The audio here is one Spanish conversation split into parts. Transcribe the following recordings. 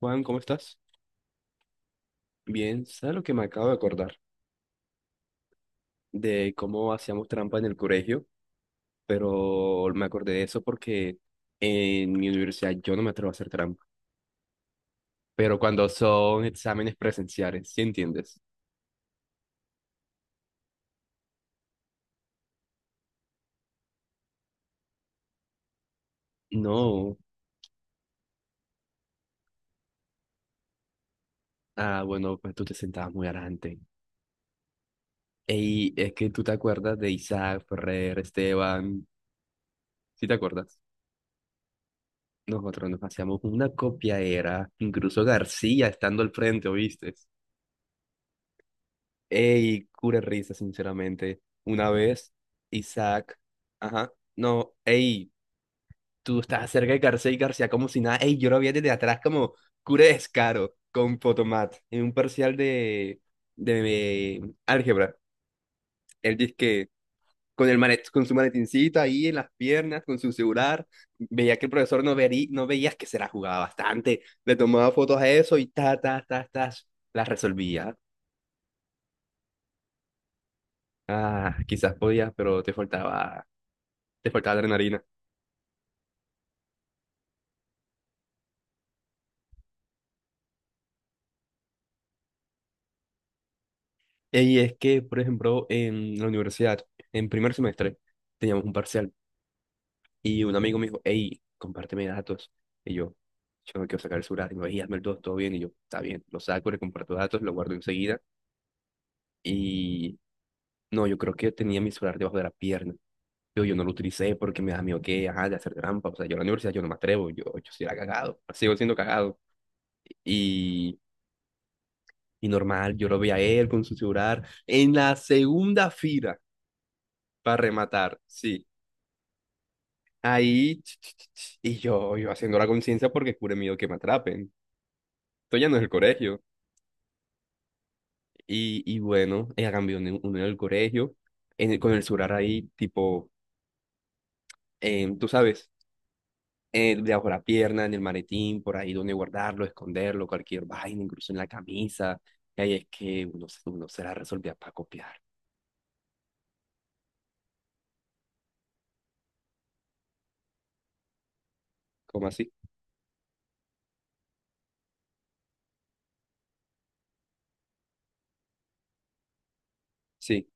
Juan, ¿cómo estás? Bien, ¿sabes lo que me acabo de acordar? De cómo hacíamos trampa en el colegio, pero me acordé de eso porque en mi universidad yo no me atrevo a hacer trampa. Pero cuando son exámenes presenciales, ¿sí entiendes? No. Ah, bueno, pues tú te sentabas muy adelante. Y es que tú te acuerdas de Isaac, Ferrer, Esteban, ¿sí te acuerdas? Nosotros nos hacíamos una copia era, incluso García estando al frente, ¿oíste? Ey, cura risa, sinceramente. Una vez, Isaac. Ajá. No, ey, tú estás cerca de García y García como si nada. Ey, yo lo vi desde atrás como cura de descaro con Potomat en un parcial de álgebra. Él dice que con, el malet, con su maletincito ahí en las piernas, con su celular, veía que el profesor no, vería, no veía que se la jugaba bastante. Le tomaba fotos a eso y ta, ta, ta, ta, las resolvía. Ah, quizás podías, pero te faltaba les faltaba adrenalina. Y es que, por ejemplo, en la universidad, en primer semestre, teníamos un parcial y un amigo me dijo, hey, compárteme datos. Y yo no quiero sacar el celular. Y me dijo, "Ey, hazme el dos, todo bien". Y yo, está bien, lo saco, le comparto datos, lo guardo enseguida. Y no, yo creo que tenía mi celular debajo de la pierna. Yo no lo utilicé porque me da miedo que, ajá, de hacer trampa. O sea, yo en la universidad yo no me atrevo, yo sí era cagado, sigo siendo cagado. Y, y normal, yo lo veía a él con su celular en la segunda fila. Para rematar, sí. Ahí, ch, ch, ch, ch, y yo haciendo la conciencia porque cure miedo que me atrapen. Esto ya no es el colegio. Y bueno, ella cambió uno uno en el colegio, en el- con el surar ahí, tipo, tú sabes, debajo de la pierna, en el maletín, por ahí donde guardarlo, esconderlo, cualquier vaina, incluso en la camisa. Y ahí es que uno se la resolvía para copiar. ¿Cómo así? Sí.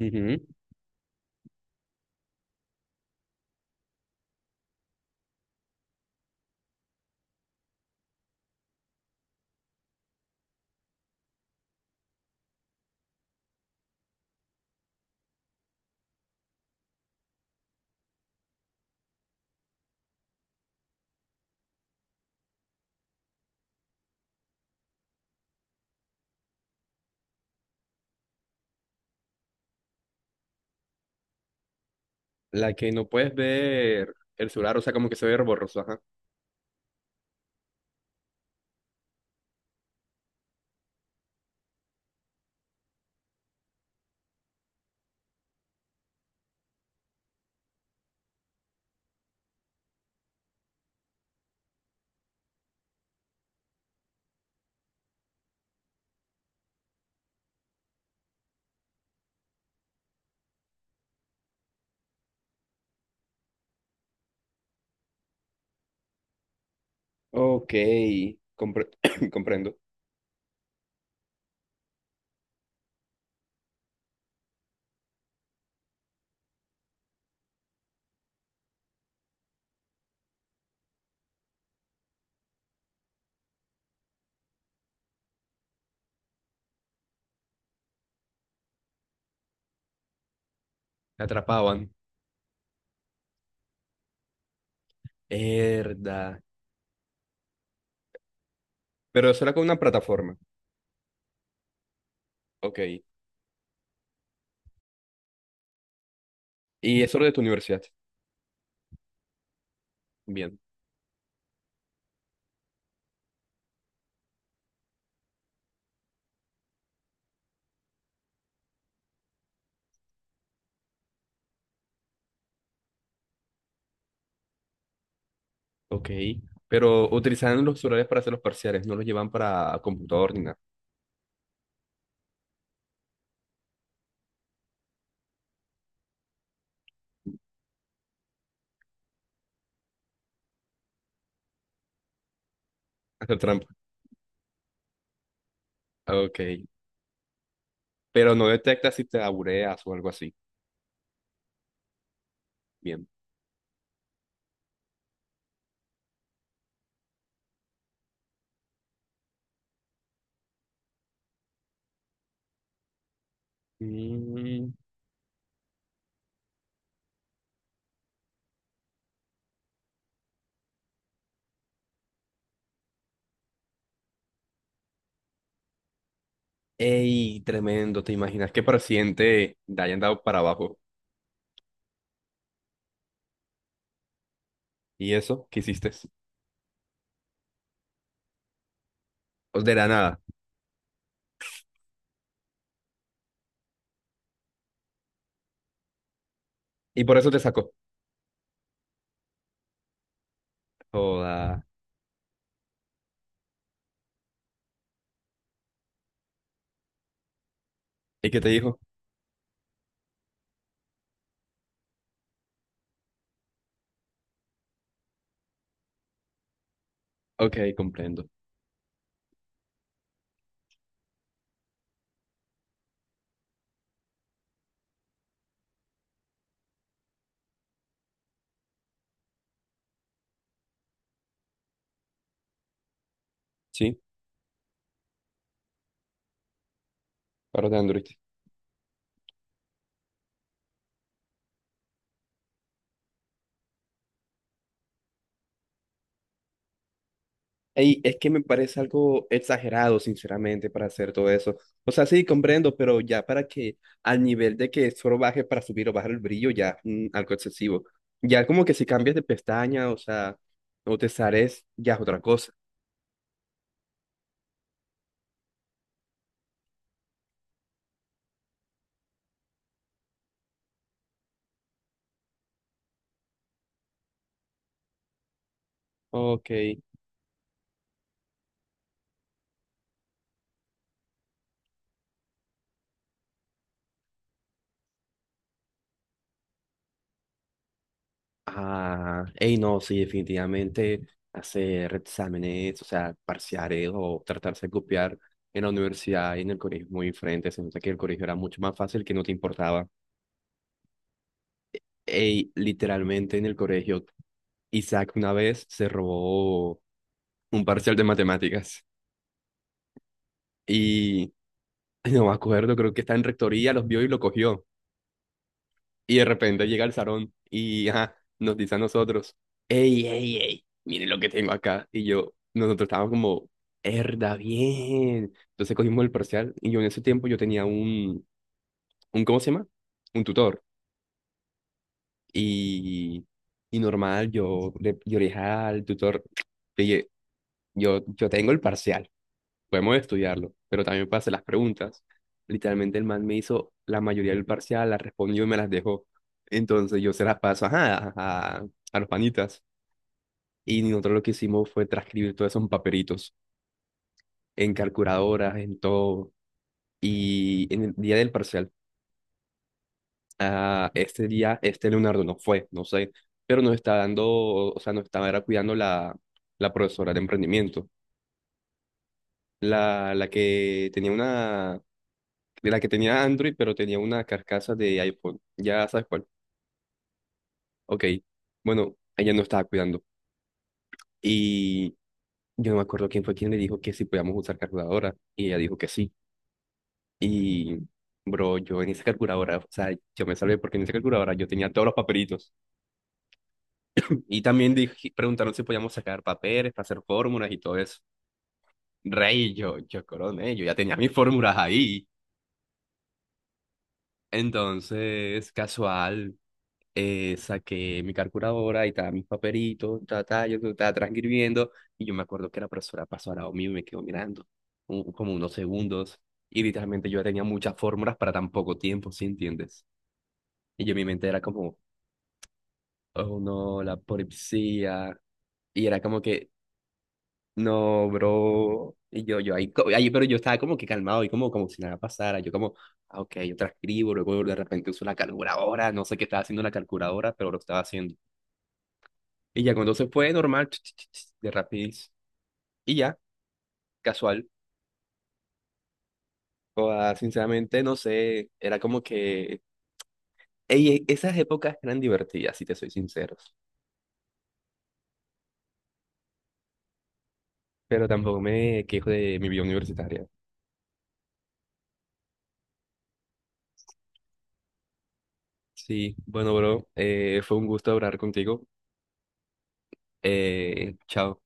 Ujú. La que no puedes ver el celular, o sea, como que se ve borroso, ajá. Ok, compre- comprendo. Me atrapaban. Verdad. Pero eso era con una plataforma. Ok. Y eso lo de tu universidad. Bien. Ok. Pero utilizaban los celulares para hacer los parciales, no los llevan para computador ni nada. Hacer trampa. Ok. Pero no detecta si te abureas o algo así. Bien. Mm. Ey, tremendo. ¿Te imaginas que para el siguiente te hayan dado para abajo? ¿Y eso? ¿Qué hiciste? O de la nada. Y por eso te sacó. Joda. ¿Y qué te dijo? Ok, comprendo. Sí, para de Android. Ey, es que me parece algo exagerado, sinceramente, para hacer todo eso. O sea, sí, comprendo, pero ya para que al nivel de que solo baje para subir o bajar el brillo, ya mm, algo excesivo. Ya como que si cambias de pestaña, o sea, o te sales ya es otra cosa. Ok. Ah, ey, no, sí, definitivamente hacer exámenes, o sea, parciales o tratarse de copiar en la universidad y en el colegio es muy diferente. Se nota que el colegio era mucho más fácil que no te importaba. Ey, literalmente en el colegio, Isaac una vez se robó un parcial de matemáticas y no me acuerdo, creo que está en rectoría, los vio y lo cogió. Y de repente llega al salón y ajá, nos dice a nosotros, ey, ey, ey, miren lo que tengo acá. Y yo, nosotros estábamos como, herda, bien. Entonces cogimos el parcial y yo en ese tiempo yo tenía un ¿cómo se llama? Un tutor. Y, y normal, yo le dije al tutor. Oye, yo tengo el parcial, podemos estudiarlo, pero también pasé las preguntas. Literalmente el man me hizo la mayoría del parcial, la respondió y me las dejó. Entonces yo se las paso ajá, a los panitas. Y nosotros lo que hicimos fue transcribir todos esos papelitos en calculadoras, en todo. Y en el día del parcial, ah, este día, este Leonardo no fue, no sé, pero nos está dando, o sea, nos estaba era cuidando la profesora de emprendimiento, la que tenía una de la que tenía Android, pero tenía una carcasa de iPhone. Ya sabes cuál. Ok. Bueno, ella no estaba cuidando. Y yo no me acuerdo quién fue quien le dijo que si podíamos usar calculadora. Y ella dijo que sí. Y, bro, yo en esa calculadora, o sea, yo me salvé porque en esa calculadora yo tenía todos los papelitos. Y también dije- preguntaron si podíamos sacar papeles para hacer fórmulas y todo eso. Rey, yo coroné, yo ya tenía mis fórmulas ahí. Entonces, casual. Saqué mi calculadora y estaba mis papelitos, ta, ta, yo estaba transcribiendo y yo me acuerdo que la profesora pasó al lado mío y me quedó mirando un- como unos segundos y literalmente yo tenía muchas fórmulas para tan poco tiempo, ¿sí entiendes? Y yo en mi mente era como, oh no, la polipsia y era como que, no, bro, y yo ahí, co- ahí, pero yo estaba como que calmado y como, como si nada pasara, yo como... ah, Ok, yo transcribo, luego de repente uso la calculadora, no sé qué estaba haciendo la calculadora, pero lo estaba haciendo. Y ya cuando se fue, normal, ch, ch, ch, ch, de rapidez. Y ya, casual. O sea, sinceramente, no sé, era como que... Ey, esas épocas eran divertidas, si te soy sincero. Pero tampoco me quejo de mi vida universitaria. Sí, bueno, bro, fue un gusto hablar contigo. Chao.